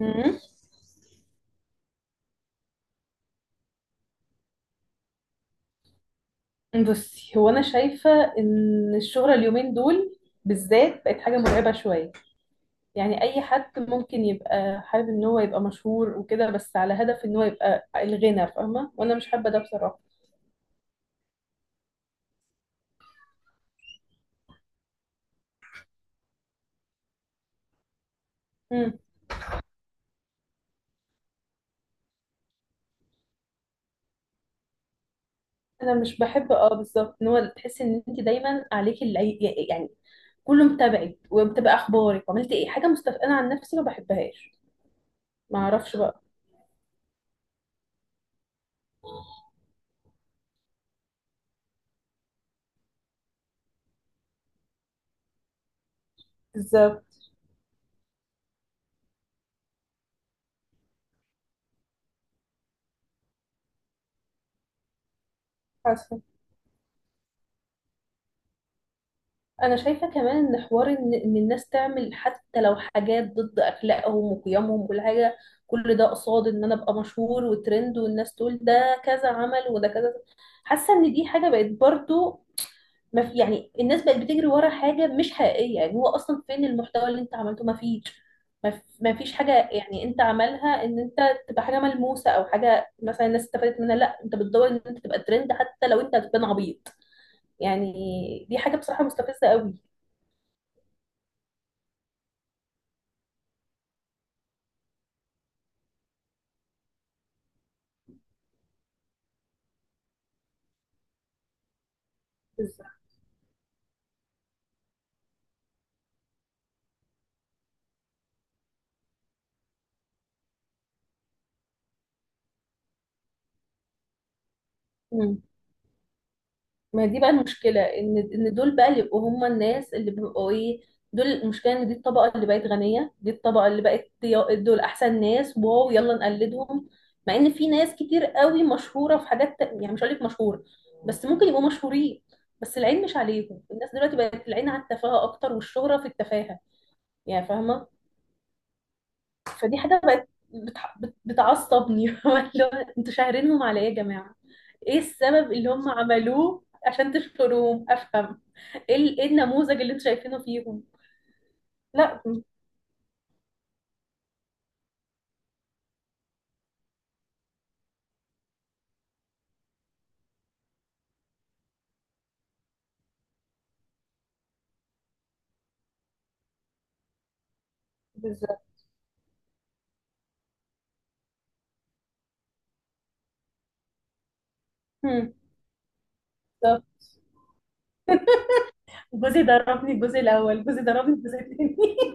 مم. بصي هو انا شايفه ان الشهره اليومين دول بالذات بقت حاجه مرعبه شويه. يعني اي حد ممكن يبقى حابب ان هو يبقى مشهور وكده، بس على هدف ان هو يبقى الغنى، فاهمه، وانا مش حابه ده بصراحه. مم. انا مش بحب بالظبط ان هو تحسي ان انت دايما عليكي يعني كله متابعك ومتابع اخبارك وعملت ايه حاجه انا عن نفسي ما بحبهاش، ما اعرفش بقى، بالظبط. انا شايفه كمان ان حوار إن الناس تعمل حتى لو حاجات ضد اخلاقهم وقيمهم وكل حاجه، كل ده قصاد ان انا ابقى مشهور وترند والناس تقول ده كذا عمل وده كذا. حاسه ان دي حاجه بقت برضو ما في، يعني الناس بقت بتجري ورا حاجه مش حقيقيه، يعني هو اصلا فين المحتوى اللي انت عملته؟ ما فيش، ما فيش حاجه، يعني انت عملها ان انت تبقى حاجه ملموسه او حاجه مثلا الناس استفادت منها، لا انت بتدور ان انت تبقى ترند حتى لو انت هتبان عبيط، يعني دي حاجه بصراحه مستفزه قوي. بالظبط. مم. ما دي بقى المشكلة، ان دول بقى اللي يبقوا هم الناس اللي بيبقوا ايه، دول المشكلة، ان دي الطبقة اللي بقت غنية، دي الطبقة اللي بقت دول احسن ناس، واو يلا نقلدهم، مع ان في ناس كتير قوي مشهورة في حاجات يعني مش هقولك مشهورة، بس ممكن يبقوا مشهورين، بس العين مش عليهم. الناس دلوقتي بقت العين على التفاهة اكتر والشهرة في التفاهة، يعني فاهمة. فدي حاجة بقت بتعصبني اللي هو انتوا شاهرينهم عليا يا جماعة، ايه السبب اللي هم عملوه عشان تشكروهم؟ افهم، ايه ايه النموذج اللي انتوا شايفينه فيهم؟ لا بالظبط. هم، بالظبط. جوزي ضربني الجزء الاول، جوزي ضربني الجزء الثاني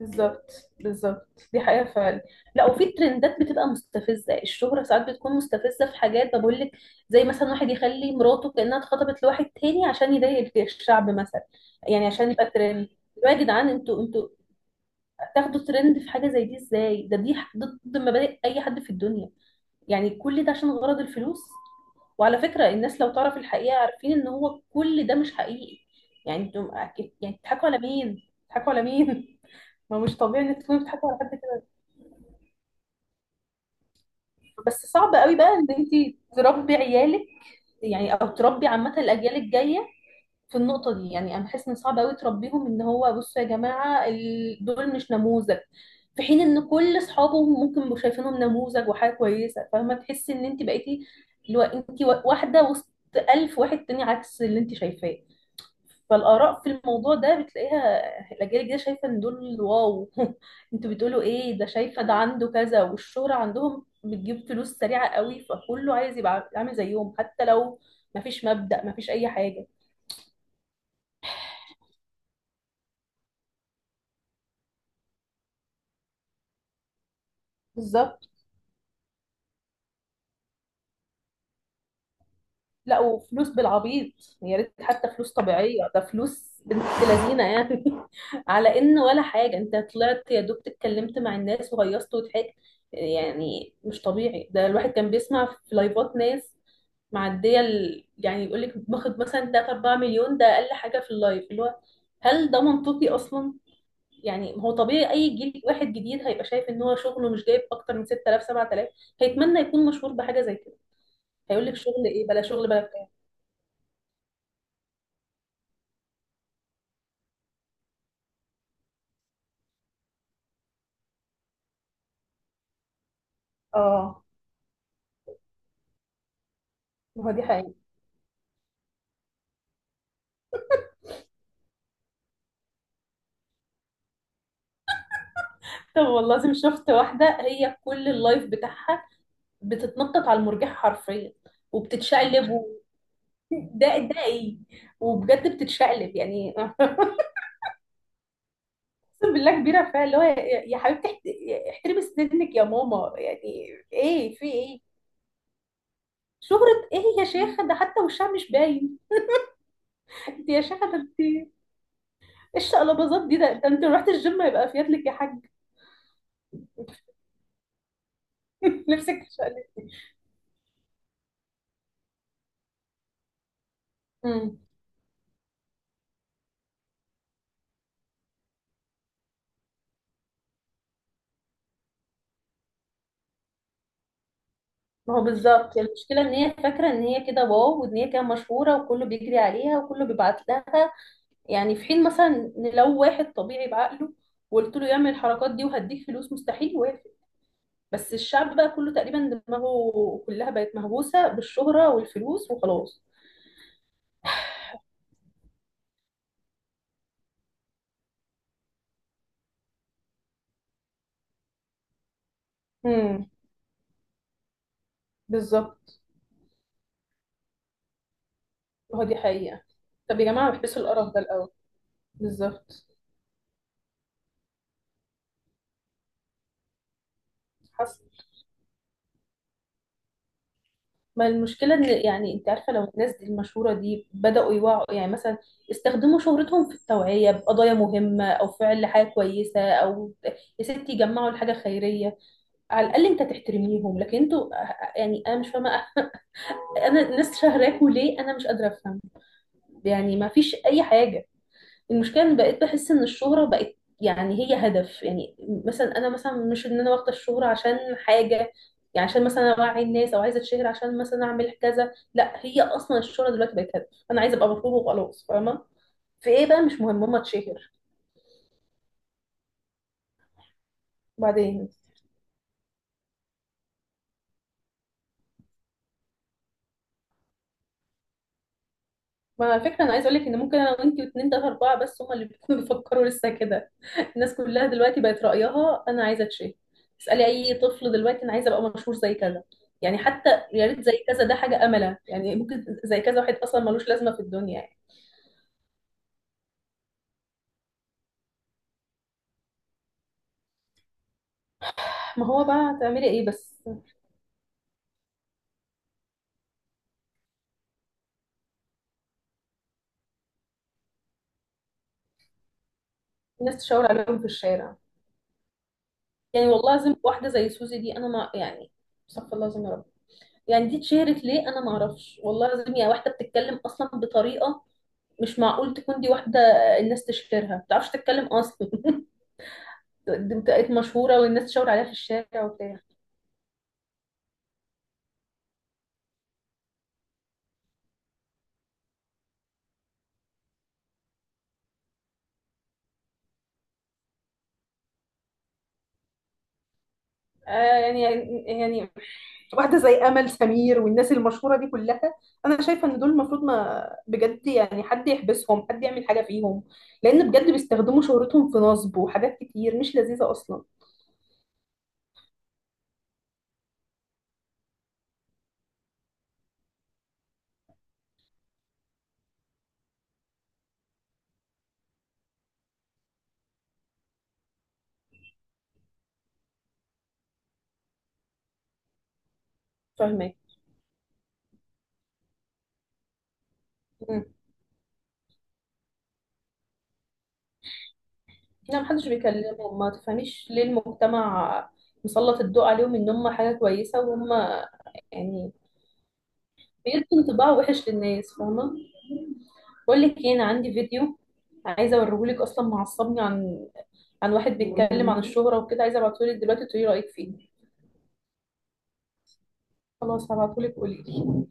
بالظبط بالظبط، دي حقيقة فعلا. لا، وفي ترندات بتبقى مستفزة، الشهرة ساعات بتكون مستفزة في حاجات، بقول لك زي مثلا واحد يخلي مراته كأنها اتخطبت لواحد تاني عشان يضايق الشعب مثلا، يعني عشان يبقى ترند. يا جدعان انتوا انتوا تاخدوا ترند في حاجة زي دي ازاي؟ ده دي ضد مبادئ أي حد في الدنيا، يعني كل ده عشان غرض الفلوس. وعلى فكرة الناس لو تعرف الحقيقة عارفين ان هو كل ده مش حقيقي، يعني يعني بتضحكوا على مين؟ بتضحكوا على مين؟ ما مش طبيعي ان انت تكوني بتحبي على قد كده. بس صعب قوي بقى ان انت تربي عيالك، يعني او تربي عامه الاجيال الجايه في النقطه دي، يعني انا بحس ان صعب قوي تربيهم ان هو بصوا يا جماعه دول مش نموذج، في حين ان كل اصحابهم ممكن يبقوا شايفينهم نموذج وحاجه كويسه، فاهمه، تحسي ان انت بقيتي اللي هو انت واحده وسط الف واحد تاني عكس اللي انت شايفاه. فالآراء في الموضوع ده بتلاقيها، الأجيال الجديدة شايفة إن دول واو انتوا بتقولوا إيه، ده شايفة ده عنده كذا، والشهرة عندهم بتجيب فلوس سريعة قوي، فكله عايز يبقى عامل زيهم حتى لو مفيش مبدأ، مفيش أي حاجة. بالظبط. لا وفلوس بالعبيط، يا ريت حتى فلوس طبيعية، ده فلوس بنت لذينة يعني على إن ولا حاجة، أنت طلعت يا دوب اتكلمت مع الناس وهيصت وضحكت، يعني مش طبيعي. ده الواحد كان بيسمع في لايفات ناس معديه يعني يقول لك باخد مثلا 3 4 مليون ده اقل حاجه في اللايف، اللي هو هل ده منطقي اصلا؟ يعني هو طبيعي اي جيل واحد جديد هيبقى شايف ان هو شغله مش جايب اكتر من 6000 7000 هيتمنى يكون مشهور بحاجه زي كده، هيقول لك شغل ايه بلا شغل بلا بتاع. اه، ما هو دي حقيقة. طب والله العظيم شفت واحدة هي كل اللايف بتاعها بتتنطط على المرجح حرفيا، وبتتشقلب ده ده ايه؟ وبجد بتتشقلب يعني اقسم بالله كبيره، فيها اللي هو يا يا حبيبتي احترمي سنك يا ماما، يعني ايه، في ايه؟ شهرة ايه يا شيخة، ده حتى وشها مش باين انت يا شيخة، ده انت ايه الشقلباظات دي، ده، ده انت لو رحت الجيم هيبقى فيات لك يا حاج نفسك تشقلب. امم، ما هو بالظبط المشكلة ان هي فاكرة ان هي كده واو، وان هي كده مشهورة وكله بيجري عليها وكله بيبعت لها، يعني في حين مثلا ان لو واحد طبيعي بعقله وقلت له يعمل الحركات دي وهديك فلوس، مستحيل يوافق. بس الشعب بقى كله تقريبا دماغه كلها بقت مهووسة بالشهرة والفلوس وخلاص. امم، بالظبط. هو دي حقيقة. طب يا جماعة احبسوا القرف ده الأول. بالظبط. حصل. ما المشكلة إن، يعني أنت عارفة لو الناس دي المشهورة دي بدأوا يوعوا، يعني مثلا استخدموا شهرتهم في التوعية بقضايا مهمة أو فعل حاجة كويسة، أو يا ستي جمعوا لحاجة خيرية، على الأقل أنت تحترميهم. لكن أنتوا، يعني أنا مش فاهمة، أنا الناس شهراكوا ليه؟ أنا مش قادرة أفهم، يعني ما فيش أي حاجة. المشكله ان بقيت بحس ان الشهره بقت يعني هي هدف، يعني مثلا انا مثلا مش ان انا واخده الشهره عشان حاجه، يعني عشان مثلا اوعي الناس او عايزه اتشهر عشان مثلا اعمل كذا، لا هي اصلا الشهره دلوقتي بقت هدف، انا عايزه ابقى مطلوبه وخلاص، فاهمه. في ايه بقى، مش مهم، ماما تشهر. بعدين ما على فكرة أنا عايز أقولك إن ممكن أنا وأنتي واتنين تلاتة أربعة بس هما اللي بيكونوا بيفكروا لسه كده. الناس كلها دلوقتي بقت رأيها أنا عايزة أتشهر، اسألي أي طفل دلوقتي أنا عايزة أبقى مشهور زي كذا، يعني حتى يا ريت زي كذا، ده حاجة أملة يعني، ممكن زي كذا واحد أصلا ملوش لازمة في الدنيا يعني. ما هو بقى هتعملي إيه بس؟ الناس تشاور عليهم في الشارع، يعني والله العظيم واحدة زي سوزي دي أنا ما يعني، استغفر الله العظيم يا رب، يعني دي اتشهرت ليه أنا ما أعرفش، والله العظيم يا واحدة بتتكلم أصلا بطريقة مش معقول تكون دي واحدة الناس تشهرها، ما بتعرفش تتكلم أصلا دي بقت مشهورة والناس تشاور عليها في الشارع وبتاع. آه، يعني، يعني واحدة زي أمل سمير والناس المشهورة دي كلها، أنا شايفة إن دول المفروض ما بجد يعني حد يحبسهم، حد يعمل حاجة فيهم، لأن بجد بيستخدموا شهرتهم في نصب وحاجات كتير مش لذيذة أصلا. فاهمة. لا محدش بيكلمهم، ما تفهميش ليه، المجتمع مسلط الضوء عليهم إن هم حاجة كويسة، وهم يعني بيدوا انطباع وحش للناس، فاهمة. بقول لك ايه، انا عندي فيديو عايزه اوريه لك، اصلا معصبني، عن عن واحد بيتكلم عن الشهرة وكده، عايزه ابعته لك دلوقتي تقولي رأيك فيه. خلاص هبعته لك، قولي لي.